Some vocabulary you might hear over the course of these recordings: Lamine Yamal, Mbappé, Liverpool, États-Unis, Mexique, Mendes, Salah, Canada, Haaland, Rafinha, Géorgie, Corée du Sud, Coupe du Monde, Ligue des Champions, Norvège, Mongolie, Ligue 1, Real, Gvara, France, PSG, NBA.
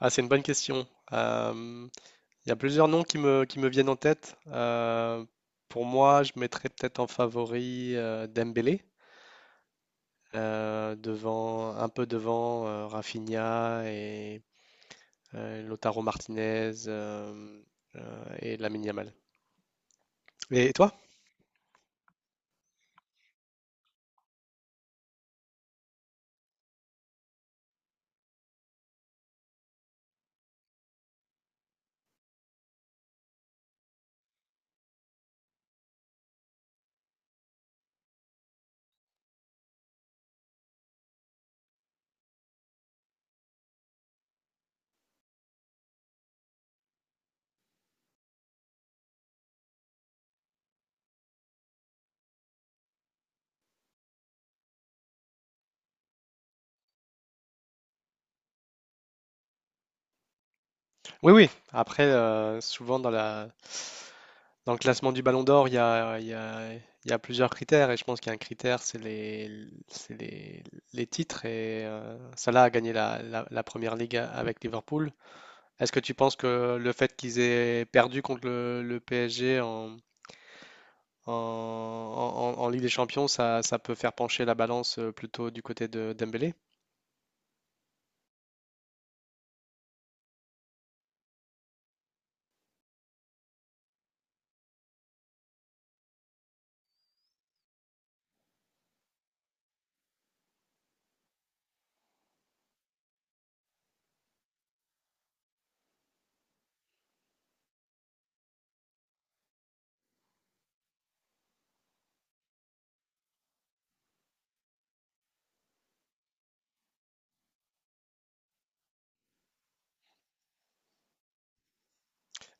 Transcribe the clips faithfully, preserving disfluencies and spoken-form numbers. Ah, c'est une bonne question. Euh, Il y a plusieurs noms qui me, qui me viennent en tête. Euh, pour moi, je mettrais peut-être en favori euh, Dembélé, euh, devant, un peu devant euh, Rafinha et euh, Lautaro Martinez euh, euh, et Lamine Yamal. Et toi? Oui, oui. Après, euh, souvent dans la, dans le classement du Ballon d'Or, il y a, il y a- il y a plusieurs critères. Et je pense qu'il y a un critère, c'est les, c'est les, les titres. Et euh, Salah a gagné la, la- la première ligue a- avec Liverpool. Est-ce que tu penses que le fait qu'ils aient perdu contre le, le P S G en, en, en- en- en Ligue des Champions, ça, ça peut faire pencher la balance euh, plutôt du côté de Dembélé?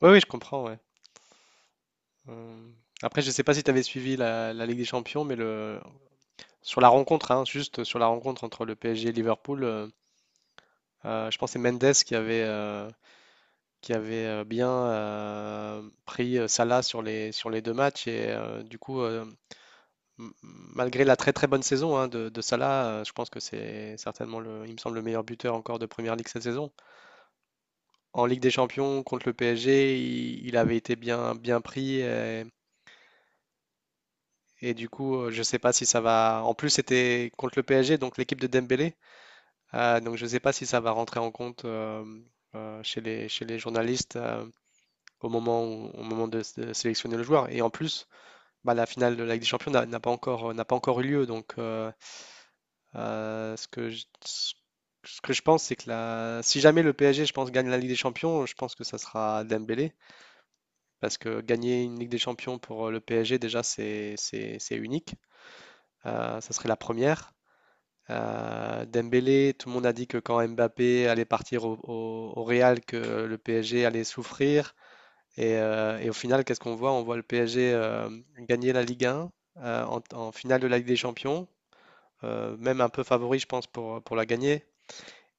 Oui, oui, je comprends, ouais. Euh, Après, je ne sais pas si tu avais suivi la, la Ligue des Champions, mais le, sur la rencontre, hein, juste sur la rencontre entre le P S G et Liverpool, euh, euh, je pense que c'est Mendes qui avait, euh, qui avait euh, bien euh, pris euh, Salah sur les, sur les deux matchs. Et euh, du coup, euh, m- malgré la très très bonne saison hein, de, de Salah, euh, je pense que c'est certainement, le, il me semble, le meilleur buteur encore de Première Ligue cette saison. En Ligue des Champions, contre le P S G, il, il avait été bien, bien pris. Et, et du coup, euh, je ne sais pas si ça va. En plus, c'était contre le P S G, donc l'équipe de Dembélé. Euh, donc je ne sais pas si ça va rentrer en compte euh, euh, chez les, chez les journalistes euh, au moment, où- au moment de, s- de sélectionner le joueur. Et en plus, bah, la finale de la Ligue des Champions n'a n'a pas encore, n'a pas encore eu lieu. Donc euh, euh, ce que je, ce ce que je pense, c'est que la, si jamais le P S G, je pense, gagne la Ligue des Champions, je pense que ça sera Dembélé. Parce que gagner une Ligue des Champions pour euh, le P S G, déjà, c'est c'est- c'est unique. Euh, ça serait la première. Euh, Dembélé, tout le monde a dit que quand Mbappé allait partir au, au- au Real, que le P S G allait souffrir. Et, euh, et au final, qu'est-ce qu'on voit? On voit le P S G euh, gagner la Ligue un euh, en, en finale de la Ligue des Champions, euh, même un peu favori, je pense, pour, pour la gagner.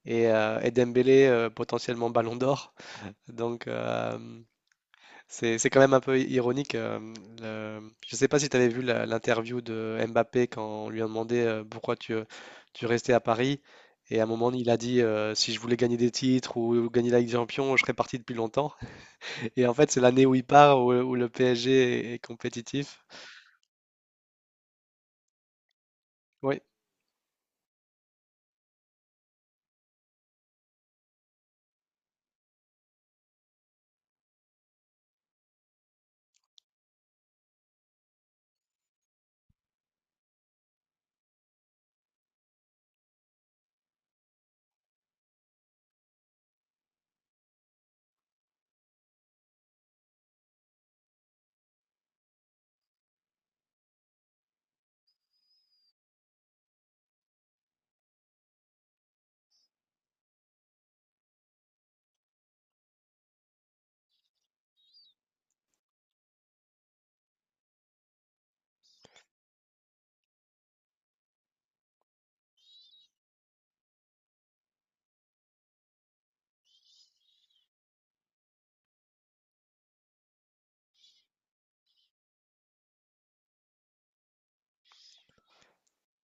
Et, euh, et Dembélé, euh, potentiellement Ballon d'Or. Donc, euh, c'est c'est quand même un peu ironique. euh, le- Je ne sais pas si tu avais vu la- l'interview de Mbappé quand on lui a demandé euh, pourquoi tu, euh, tu restais à Paris. Et à un moment, il a dit euh, si je voulais gagner des titres ou gagner la Ligue des Champions, je serais parti depuis longtemps. Et en fait, c'est l'année où il part, où, où le P S G est, est compétitif. Oui,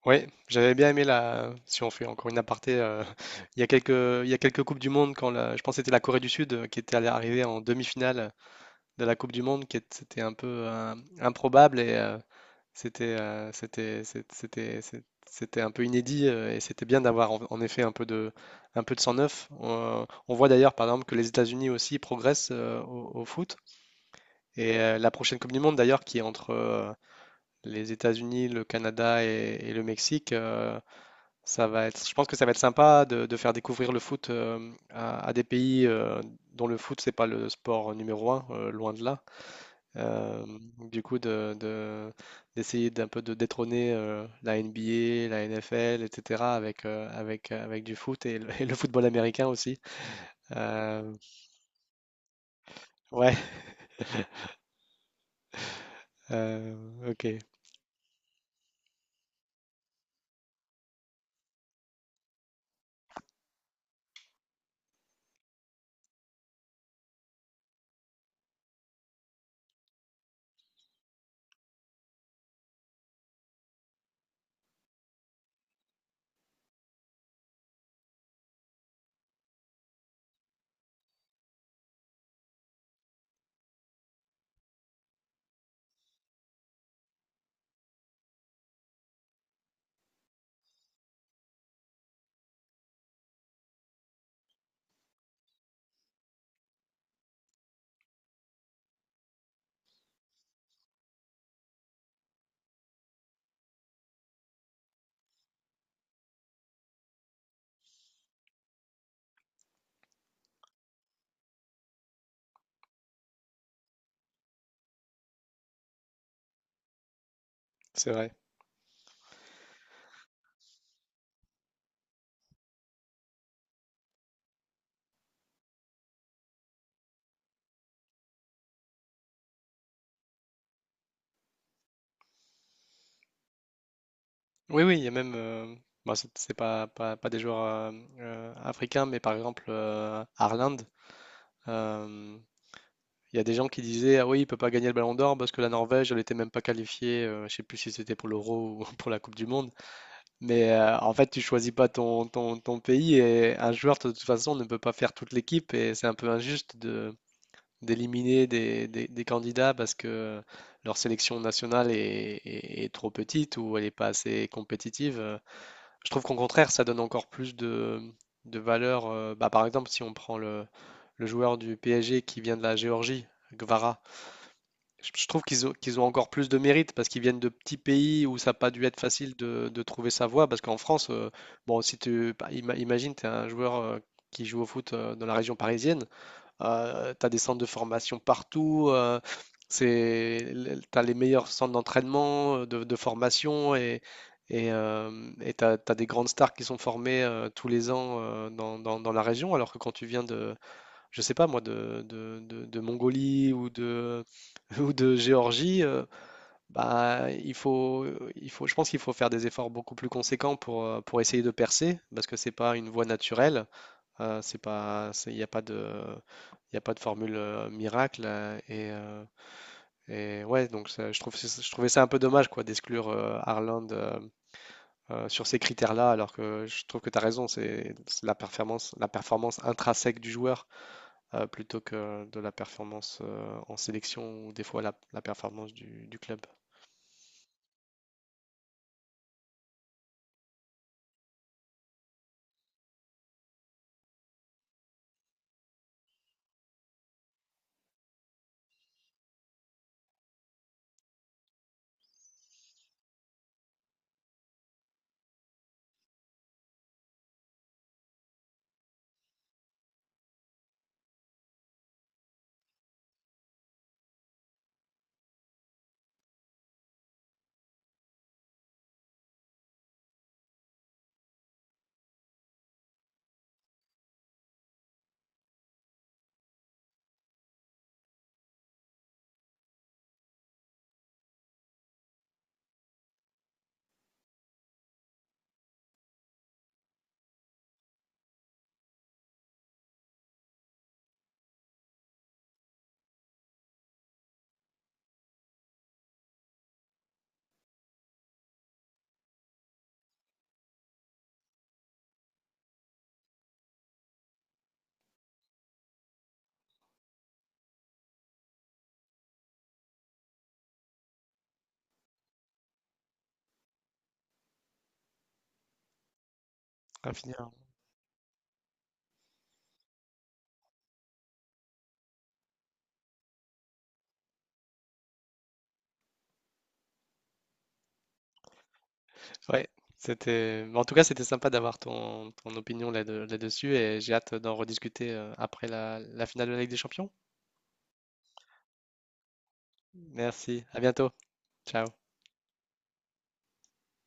oui, j'avais bien aimé la. Si on fait encore une aparté, euh, il y a quelques, il y a quelques Coupes du Monde, quand la- je pense que c'était la Corée du Sud euh, qui était allée arriver en demi-finale de la Coupe du Monde, qui est- c'était un peu euh, improbable. Et, euh, c'était euh, c'était c'est- c'était c'est- c'était un peu inédit euh, et c'était bien d'avoir en, en effet un peu de un peu de sang neuf. On, on voit d'ailleurs par exemple que les États-Unis aussi progressent euh, au, au foot et euh, la prochaine Coupe du Monde d'ailleurs qui est entre euh, les États-Unis, le Canada et, et le Mexique, euh, ça va être je pense que ça va être sympa de, de faire découvrir le foot euh, à, à des pays euh, dont le foot c'est pas le sport numéro un euh, loin de là. Euh, du coup, de, de- d'essayer d'un peu de détrôner euh, la N B A, la N F L, et cetera avec, euh, avec, euh, avec du foot et le, et le football américain aussi. Euh, ouais, euh, ok, c'est vrai. Oui, oui, il y a même. euh, Bon, c'est c'est pas, pas, pas des joueurs euh, euh, africains, mais par exemple, euh, Haaland, euh, il y a des gens qui disaient Ah oui, il peut pas gagner le Ballon d'Or parce que la Norvège, elle était même pas qualifiée. Euh, je sais plus si c'était pour l'Euro ou pour la Coupe du Monde. Mais euh, en fait, tu choisis pas ton, ton, ton pays et un joueur, de toute façon, ne peut pas faire toute l'équipe et c'est un peu injuste de d'éliminer des, des- des candidats parce que leur sélection nationale est, est- est trop petite ou elle n'est pas assez compétitive. Euh, Je trouve qu'au contraire, ça donne encore plus de, de valeur. Euh, bah, par exemple, si on prend le, le joueur du P S G qui vient de la Géorgie, Gvara, je je trouve qu'ils ont, qu'ils ont encore plus de mérite parce qu'ils viennent de petits pays où ça n'a pas dû être facile de, de trouver sa voie. Parce qu'en France, euh, bon, si tu bah, ima- imagine, tu es un joueur euh, qui joue au foot euh, dans la région parisienne, tu as des centres de formation partout, euh, c'est, tu as les meilleurs centres d'entraînement, euh, de, de formation et, et, euh, et tu as, des grandes stars qui sont formées euh, tous les ans euh, dans, dans- dans la région. Alors que quand tu viens de, je sais pas moi, de, de, de- de Mongolie ou de, ou de Géorgie, euh, bah, il faut, il faut, je pense qu'il faut faire des efforts beaucoup plus conséquents pour, euh, pour essayer de percer, parce que c'est pas une voie naturelle, euh, c'est pas, c'est- il n'y a pas de, il y a pas de formule euh, miracle, euh, et, euh, et ouais, donc ça- je trouve, je trouvais ça un peu dommage quoi d'exclure euh, Haaland, euh, euh, sur ces critères-là, alors que je trouve que tu as raison, c'est c'est la performance, la performance intrinsèque du joueur euh, plutôt que de la performance euh, en sélection ou des fois la, la performance du, du club. Infinir. Ouais, c'était. En tout cas, c'était sympa d'avoir ton, ton opinion là dessus et j'ai hâte d'en rediscuter euh, après la, la finale de la Ligue des Champions. Merci, à bientôt. Ciao.